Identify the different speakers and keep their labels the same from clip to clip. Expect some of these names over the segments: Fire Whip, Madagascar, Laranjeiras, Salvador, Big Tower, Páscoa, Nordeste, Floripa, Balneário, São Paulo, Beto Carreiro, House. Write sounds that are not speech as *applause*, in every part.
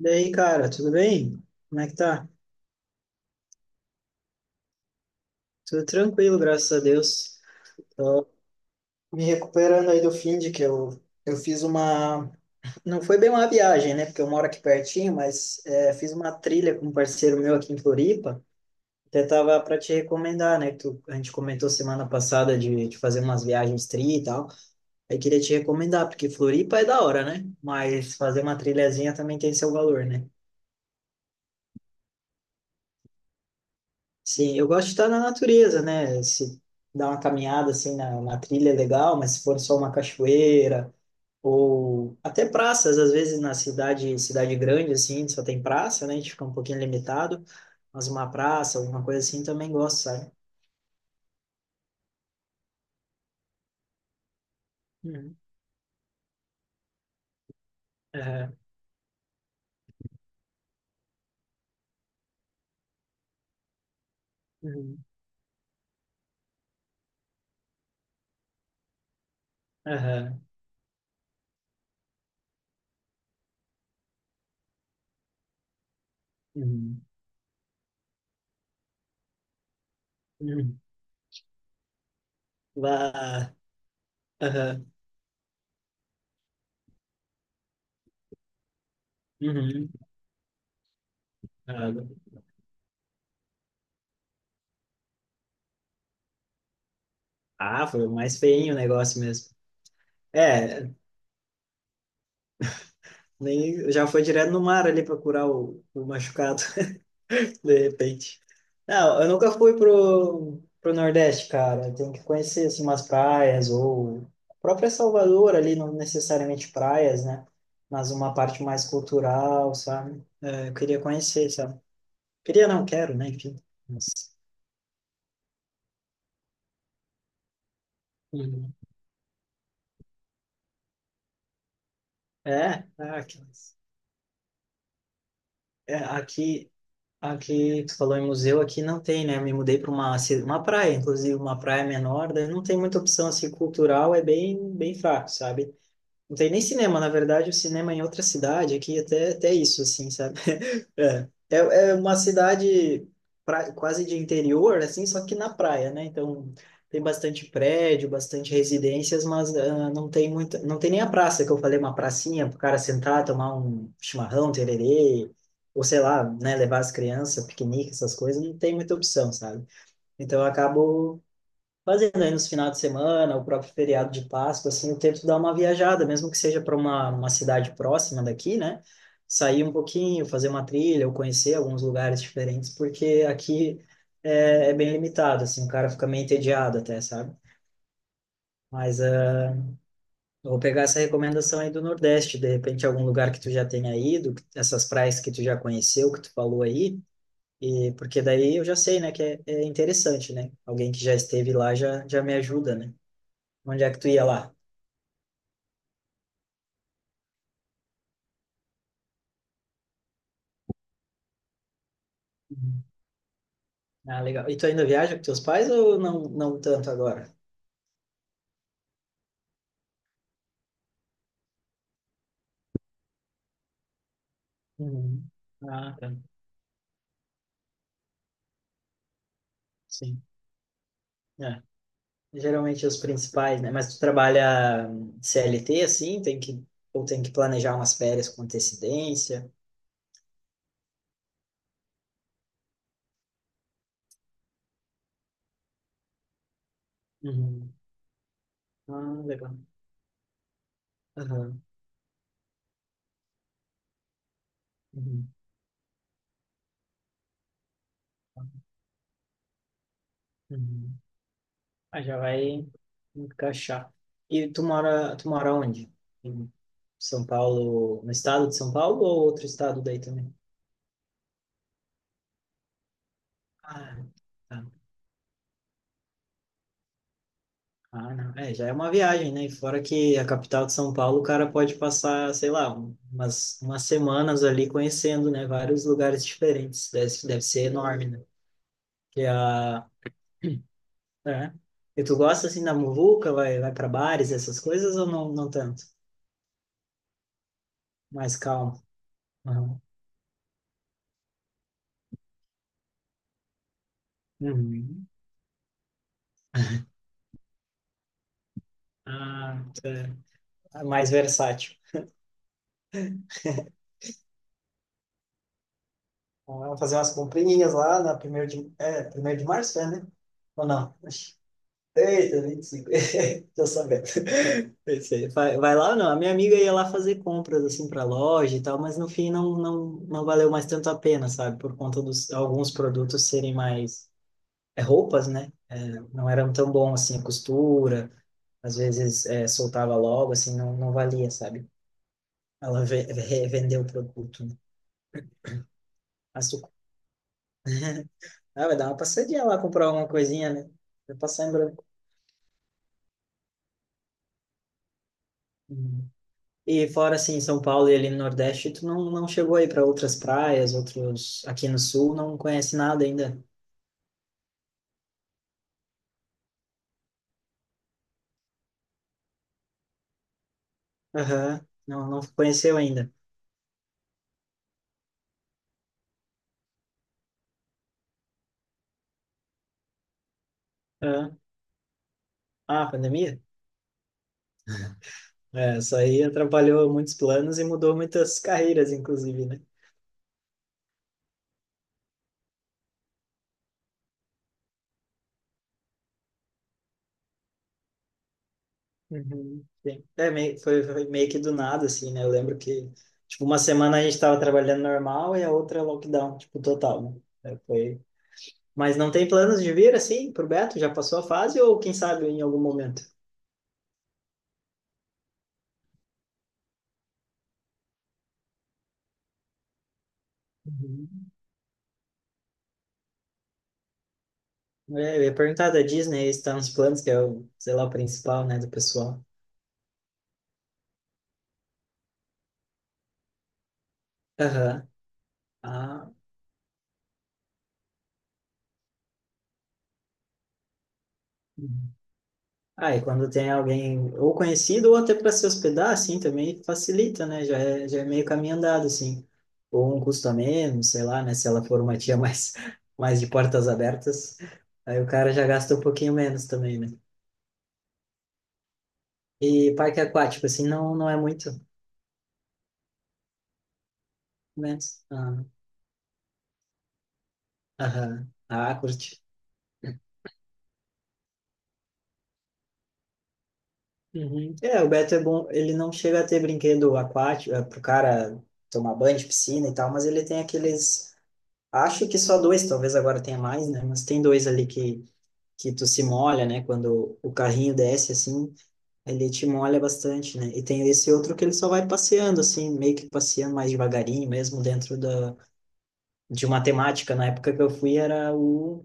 Speaker 1: E aí, cara, tudo bem? Como é que tá? Tudo tranquilo, graças a Deus. Me recuperando aí do fim de que eu fiz uma. Não foi bem uma viagem, né? Porque eu moro aqui pertinho, mas é, fiz uma trilha com um parceiro meu aqui em Floripa. Até tava para te recomendar, né? Que a gente comentou semana passada de fazer umas viagens tri e tal. Aí queria te recomendar, porque Floripa é da hora, né? Mas fazer uma trilhazinha também tem seu valor, né? Sim, eu gosto de estar na natureza, né? Se dar uma caminhada assim na trilha é legal, mas se for só uma cachoeira ou até praças, às vezes na cidade, cidade grande assim, só tem praça, né? A gente fica um pouquinho limitado, mas uma praça, alguma coisa assim também gosto, sabe? Uhum. Aham. Uhum. Aham. Uhum. Uhum. Vá. Aham. Uhum. Aham. Ah, foi o mais feinho o negócio mesmo. É, nem já foi direto no mar ali procurar o machucado. De repente. Não, eu nunca fui pro Nordeste, cara. Tem que conhecer, assim, umas praias ou a própria Salvador ali, não necessariamente praias, né? Mas uma parte mais cultural, sabe? É, eu queria conhecer, sabe? Queria, não quero, né? Enfim. Mas. Uhum. É, é, aqui, é, aqui, aqui, tu falou em museu, aqui não tem, né? Eu me mudei para uma praia, inclusive, uma praia menor, daí não tem muita opção, assim, cultural é bem, bem fraco, sabe? Não tem nem cinema, na verdade, o cinema é em outra cidade, aqui é até, até isso, assim, sabe? *laughs* É, uma cidade quase de interior, assim, só que na praia, né? Então, tem bastante prédio, bastante residências, mas não tem nem a praça, que eu falei, uma pracinha para o cara sentar, tomar um chimarrão, tererê, ou sei lá, né, levar as crianças, piquenique, essas coisas, não tem muita opção, sabe? Então, eu acabo fazendo aí nos finais de semana, o próprio feriado de Páscoa, assim, eu tento dar uma viajada, mesmo que seja para uma cidade próxima daqui, né? Sair um pouquinho, fazer uma trilha, ou conhecer alguns lugares diferentes, porque aqui é bem limitado, assim, o cara fica meio entediado até, sabe? Mas eu vou pegar essa recomendação aí do Nordeste, de repente algum lugar que tu já tenha ido, essas praias que tu já conheceu, que tu falou aí, e porque daí eu já sei, né, que é interessante, né? Alguém que já esteve lá já me ajuda, né? Onde é que tu ia lá? Uhum. Ah, legal. E tu ainda viaja com teus pais ou não, não tanto agora? Uhum. Ah, tá. Sim. É. Geralmente os principais, né? Mas tu trabalha CLT assim, tem que ou tem que planejar umas férias com antecedência. Uhum. Ah, legal. Aham. Uhum. Uhum. Ah, já vai encaixar. E tu mora onde? Em São Paulo, no estado de São Paulo ou outro estado daí também? Ah, tá. Ah, não. É, já é uma viagem, né? E fora que a capital de São Paulo, o cara pode passar, sei lá, umas semanas ali conhecendo, né? Vários lugares diferentes. Deve ser enorme, né? Que a, é. E tu gosta, assim, da muvuca? Vai para bares, essas coisas, ou não, não tanto? Mais calmo. Aham. Uhum. Ah, tá. Mais versátil. Vamos fazer umas comprinhas lá na primeiro de, é, primeiro de março, é, né? Ou não? Eita, 25 *laughs* tô sabendo. Pensei, vai lá ou não? A minha amiga ia lá fazer compras, assim, pra loja e tal, mas no fim não valeu mais tanto a pena, sabe? Por conta dos alguns produtos serem mais. É, roupas, né? Não eram tão bom, assim, a costura. Às vezes soltava logo, assim, não valia, sabe? Ela vendeu o produto, né? Mas tu. Ah, vai dar uma passadinha lá comprar alguma coisinha, né? Vai passar em branco. Uhum. E fora assim, São Paulo e ali no Nordeste, tu não chegou aí para outras praias, outros aqui no Sul, não conhece nada ainda. Aham, não conheceu ainda. Aham. Ah, pandemia? É, isso aí atrapalhou muitos planos e mudou muitas carreiras, inclusive, né? Uhum. Sim. É, foi meio que do nada, assim, né? Eu lembro que, tipo, uma semana a gente estava trabalhando normal e a outra lockdown, tipo, total, né? É, foi. Mas não tem planos de vir, assim, pro Beto? Já passou a fase ou, quem sabe, em algum momento? Uhum. É, eu ia perguntar da Disney, está nos planos, que é o, sei lá, o principal, né, do pessoal. Aham. Ah, uhum. E quando tem alguém ou conhecido ou até para se hospedar, assim, também facilita, né? Já é meio caminho andado, assim. Ou um custo a menos, sei lá, né? Se ela for uma tia mais, *laughs* mais de portas abertas, aí o cara já gasta um pouquinho menos também, né? E parque aquático, assim, não é muito menos. Ah, aham. Ah, curte. Uhum. É, o Beto é bom, ele não chega a ter brinquedo aquático, pro cara tomar banho de piscina e tal, mas ele tem aqueles, acho que só dois, talvez agora tenha mais, né? Mas tem dois ali que tu se molha, né? Quando o carrinho desce, assim, ele te molha bastante, né? E tem esse outro que ele só vai passeando, assim, meio que passeando mais devagarinho, mesmo dentro de uma temática. Na época que eu fui era o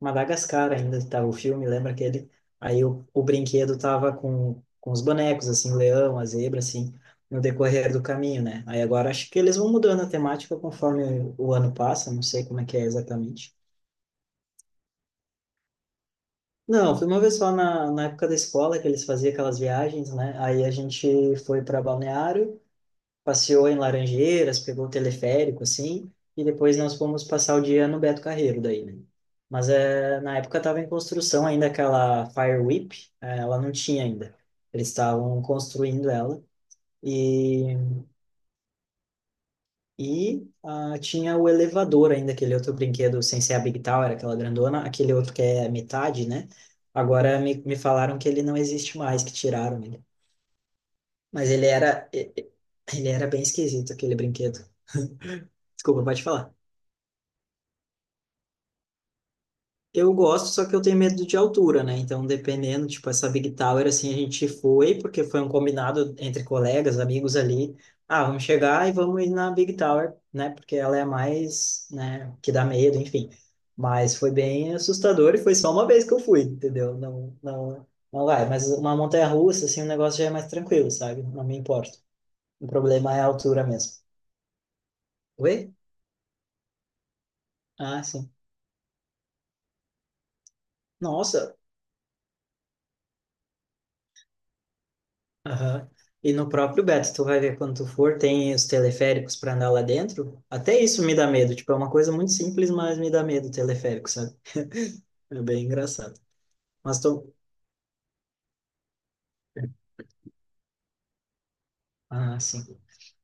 Speaker 1: Madagascar ainda estava o filme, lembra aquele? Aí o brinquedo tava com os bonecos, assim, o leão, a zebra, assim, no decorrer do caminho, né? Aí agora acho que eles vão mudando a temática conforme o ano passa, não sei como é que é exatamente. Não, foi uma vez só na época da escola que eles faziam aquelas viagens, né? Aí a gente foi para Balneário, passeou em Laranjeiras, pegou o teleférico, assim, e depois nós fomos passar o dia no Beto Carreiro daí, né? Mas é, na época estava em construção ainda aquela Fire Whip, ela não tinha ainda. Eles estavam construindo ela e, e tinha o elevador ainda, aquele outro brinquedo sem ser a Big Tower, aquela grandona, aquele outro que é metade, né? Agora me falaram que ele não existe mais, que tiraram ele. Mas ele era bem esquisito, aquele brinquedo. Desculpa, pode falar. Eu gosto, só que eu tenho medo de altura, né? Então, dependendo, tipo, essa Big Tower, assim, a gente foi, porque foi um combinado entre colegas, amigos ali. Ah, vamos chegar e vamos ir na Big Tower, né? Porque ela é a mais, né, que dá medo, enfim. Mas foi bem assustador e foi só uma vez que eu fui, entendeu? Não, não, não vai. Mas uma montanha-russa, assim, o negócio já é mais tranquilo, sabe? Não me importo. O problema é a altura mesmo. Oi? Ah, sim. Nossa, aham. E no próprio Beto, tu vai ver quando tu for, tem os teleféricos para andar lá dentro. Até isso me dá medo. Tipo, é uma coisa muito simples, mas me dá medo o teleférico, sabe? É bem engraçado. Mas tô. Ah, sim.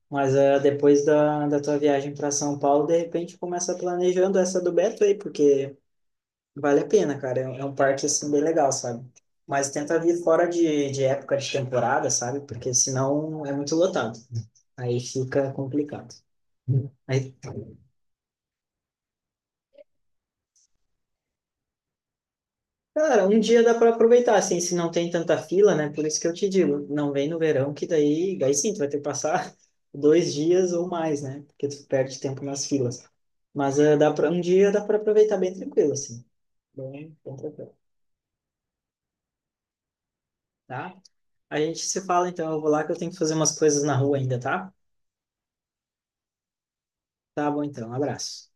Speaker 1: Mas depois da tua viagem para São Paulo, de repente começa planejando essa do Beto aí, porque vale a pena, cara. É um parque, assim, bem legal, sabe? Mas tenta vir fora de época de temporada, sabe? Porque senão é muito lotado. Aí fica complicado. Aí cara, um dia dá para aproveitar, assim, se não tem tanta fila, né? Por isso que eu te digo, não vem no verão, que daí, daí sim, tu vai ter que passar *laughs* 2 dias ou mais, né? Porque tu perde tempo nas filas. Mas dá para um dia dá para aproveitar bem tranquilo, assim. Bem, bem tranquilo, tá? A gente se fala, então, eu vou lá que eu tenho que fazer umas coisas na rua ainda, tá? Tá bom, então, um abraço.